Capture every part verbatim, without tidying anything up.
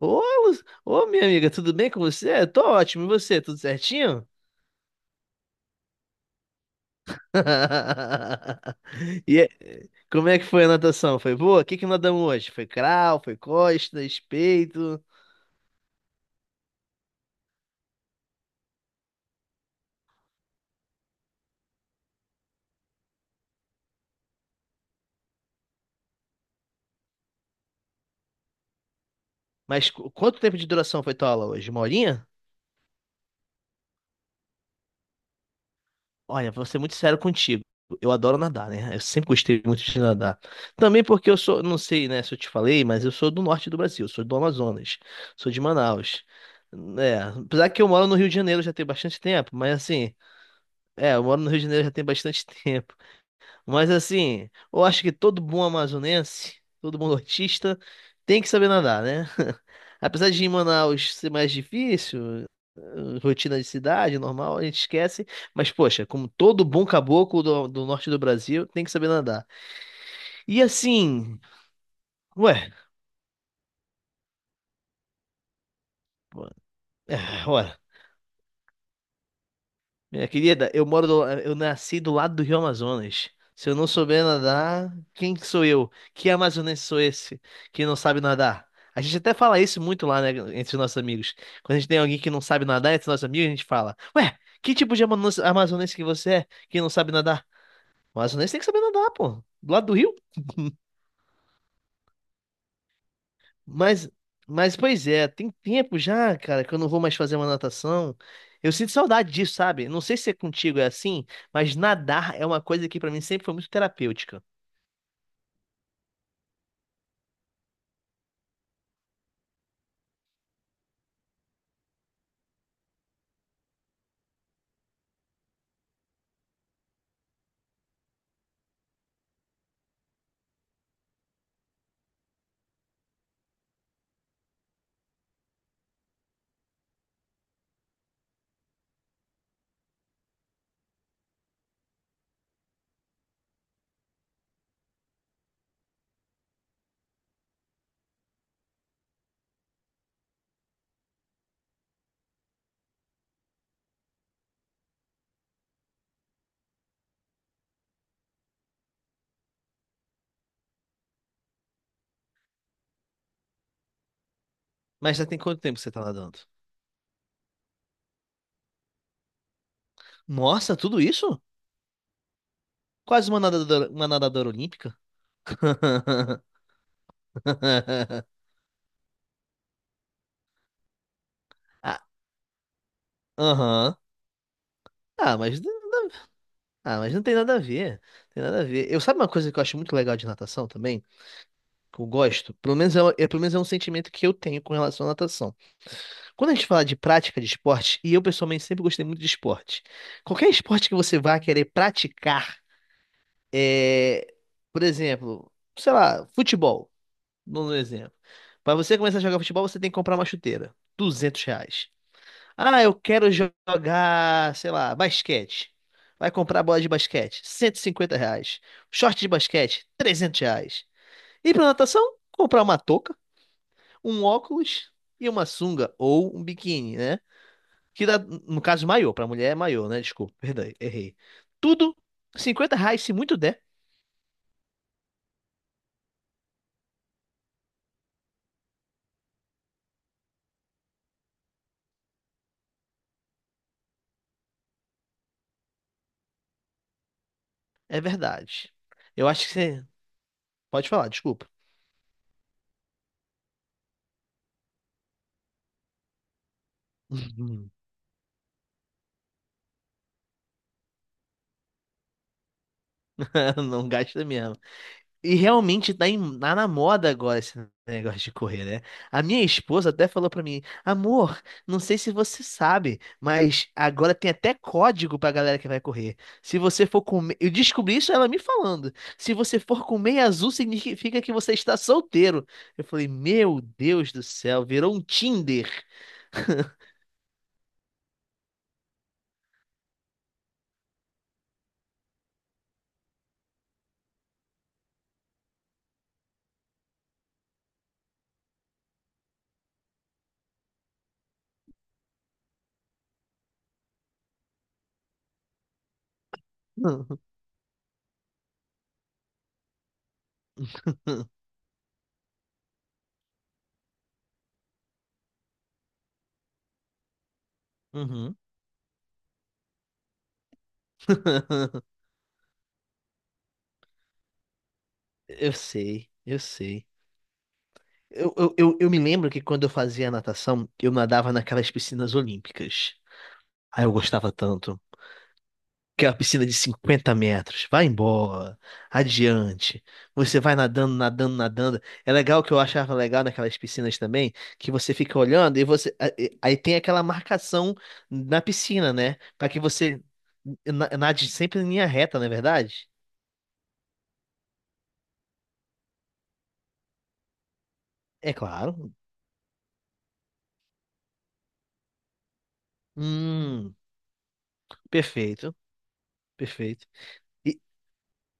Ô, Lu- ô, minha amiga, tudo bem com você? Eu tô ótimo. E você, tudo certinho? E é- Como é que foi a natação? Foi boa? O que que nadamos hoje? Foi crawl, foi costas, peito? Mas qu- quanto tempo de duração foi tua aula hoje? Uma horinha? Olha, vou ser muito sério contigo. Eu adoro nadar, né? Eu sempre gostei muito de nadar. Também porque eu sou, não sei, né, se eu te falei, mas eu sou do norte do Brasil, sou do Amazonas, sou de Manaus. É, apesar que eu moro no Rio de Janeiro já tem bastante tempo, mas assim, é, eu moro no Rio de Janeiro já tem bastante tempo. Mas assim, eu acho que todo bom amazonense, todo bom nortista, tem que saber nadar, né? Apesar de em Manaus ser mais difícil, eh, rotina de cidade, normal, a gente esquece. Mas, poxa, como todo bom caboclo do, do norte do Brasil, tem que saber nadar. E assim, ué, é, ué, minha querida, eu moro do, eu nasci do lado do Rio Amazonas. Se eu não souber nadar, quem que sou eu? Que amazonense sou esse que não sabe nadar? A gente até fala isso muito lá, né, entre os nossos amigos. Quando a gente tem alguém que não sabe nadar entre os nossos amigos, a gente fala: ué, que tipo de amano- amazonense que você é que não sabe nadar? O amazonense tem que saber nadar, pô. Do lado do rio? Mas, mas pois é, tem tempo já, cara, que eu não vou mais fazer uma natação. Eu sinto saudade disso, sabe? Não sei se é contigo é assim, mas nadar é uma coisa que pra mim sempre foi muito terapêutica. Mas já tem quanto tempo que você tá nadando? Nossa, tudo isso? Quase uma nadadora, uma nadadora olímpica? Ah, aham. Ah, mas, ah, mas não tem nada a ver. Tem nada a ver. Eu sabe uma coisa que eu acho muito legal de natação também? Que eu gosto? Pelo menos é, é- pelo menos é um sentimento que eu tenho com relação à natação. Quando a gente fala de prática de esporte, e eu pessoalmente sempre gostei muito de esporte, qualquer esporte que você vá querer praticar, é, por exemplo, sei lá, futebol, no exemplo. Para você começar a jogar futebol, você tem que comprar uma chuteira, duzentos reais. Ah, eu quero jogar, sei lá, basquete. Vai comprar bola de basquete, cento e cinquenta reais. Short de basquete, trezentos reais. E para natação, comprar uma touca, um óculos e uma sunga ou um biquíni, né? Que dá, no caso, maior. Pra mulher é maior, né? Desculpa, perdão, errei. Tudo, cinquenta reais, se muito der, é verdade. Eu acho que você. Pode falar, desculpa. Não gasta mesmo. E realmente tá, em- tá na moda agora esse negócio de correr, né? A minha esposa até falou pra mim, amor, não sei se você sabe, mas agora tem até código pra galera que vai correr. Se você for com... me- Eu descobri isso ela me falando. Se você for com meia azul, significa que você está solteiro. Eu falei, meu Deus do céu, virou um Tinder. Uhum. Eu sei, eu sei. Eu, eu, eu, eu me lembro que quando eu fazia natação, eu nadava naquelas piscinas olímpicas. Aí eu gostava tanto. Que é uma piscina de cinquenta metros. Vai embora. Adiante. Você vai nadando, nadando, nadando. É legal, que eu achava legal naquelas piscinas também, que você fica olhando e você. Aí aí tem aquela marcação na piscina, né? Para que você na- nade sempre em linha reta, não é verdade? É claro. Hum, perfeito, perfeito.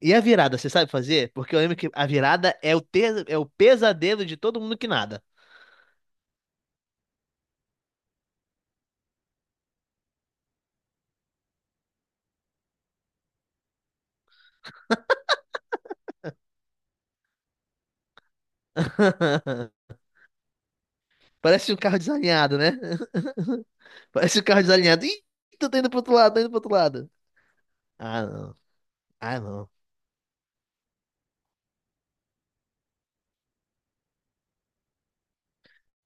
E a virada, você sabe fazer? Porque eu lembro que a virada é o, te... é o pesadelo de todo mundo que nada. Parece um carro desalinhado, né? Parece um carro desalinhado. Ih, tô indo pro outro lado, tô indo pro outro lado. Ah, não. Ah, não.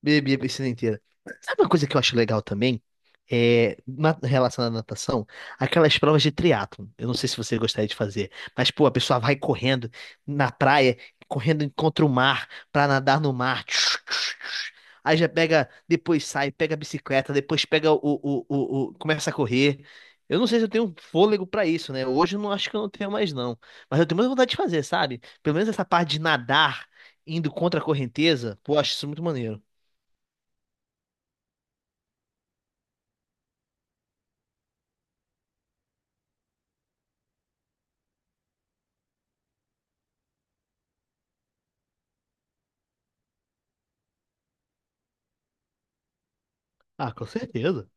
Bebi a piscina inteira. Sabe uma coisa que eu acho legal também? É, na relação à natação, aquelas provas de triatlon. Eu não sei se você gostaria de fazer, mas, pô, a pessoa vai correndo na praia, correndo contra o mar, pra nadar no mar. Tchus, tchus, tchus. Aí já pega, depois sai, pega a bicicleta, depois pega o, o, o, o- começa a correr. Eu não sei se eu tenho fôlego pra isso, né? Hoje eu não acho que eu não tenho mais, não. Mas eu tenho muita vontade de fazer, sabe? Pelo menos essa parte de nadar, indo contra a correnteza, pô, eu acho isso muito maneiro. Ah, com certeza.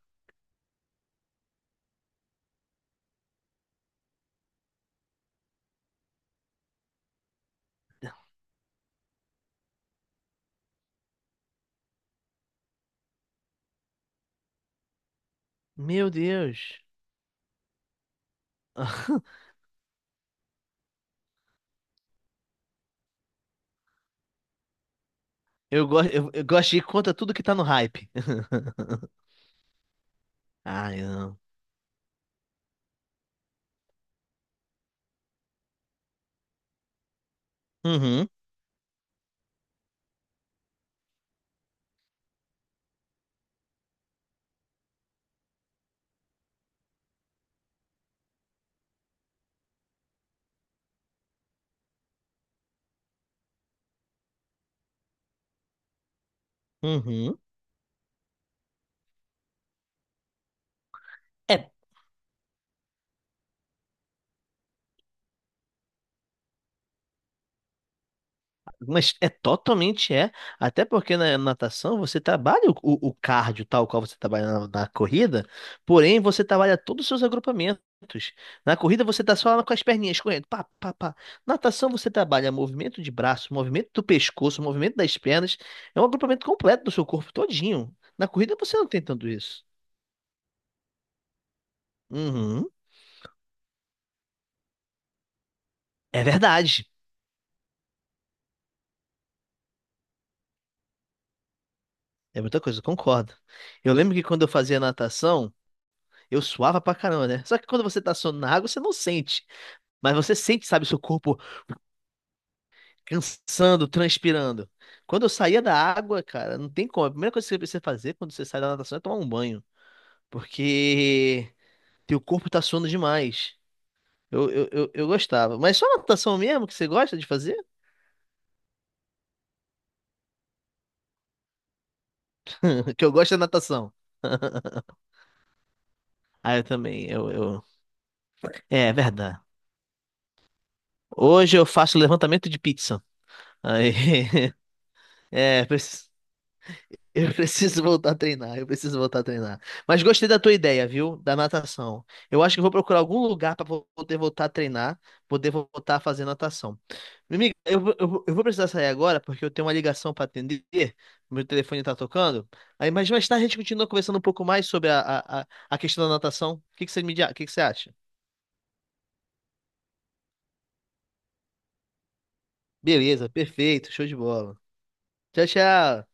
Meu Deus. Eu, go eu, eu gosto de ir contra tudo que tá no hype. Ah, eu não. Uhum, uhum. É Mas é totalmente é. Até porque na natação você trabalha o, o o cardio, tal qual você trabalha na, na corrida, porém você trabalha todos os seus agrupamentos. Na corrida você tá só lá com as perninhas correndo. Pá, pá, pá. Natação você trabalha movimento de braço, movimento do pescoço, movimento das pernas. É um agrupamento completo do seu corpo todinho. Na corrida você não tem tanto isso. Uhum. É verdade. É muita coisa, eu concordo. Eu lembro que quando eu fazia natação, eu suava pra caramba, né? Só que quando você tá suando na água, você não sente. Mas você sente, sabe, seu corpo cansando, transpirando. Quando eu saía da água, cara, não tem como. A primeira coisa que você precisa fazer quando você sai da natação é tomar um banho. Porque teu corpo tá suando demais. Eu, eu, eu, eu gostava. Mas só natação mesmo que você gosta de fazer? Que eu gosto é natação. Ah, eu também. Eu, eu... É, é verdade. Hoje eu faço levantamento de pizza. Aí, é, preciso. Eu preciso voltar a treinar, eu preciso voltar a treinar. Mas gostei da tua ideia, viu? Da natação. Eu acho que eu vou procurar algum lugar para poder voltar a treinar, poder voltar a fazer natação. Minha amiga, eu, vou- eu, vou eu vou precisar sair agora porque eu tenho uma ligação para atender, meu telefone tá tocando. Aí, mas mais tarde a gente continua conversando um pouco mais sobre a, a, a a questão da natação. O que que você me, di- o que que você acha? Beleza, perfeito, show de bola. Tchau, tchau.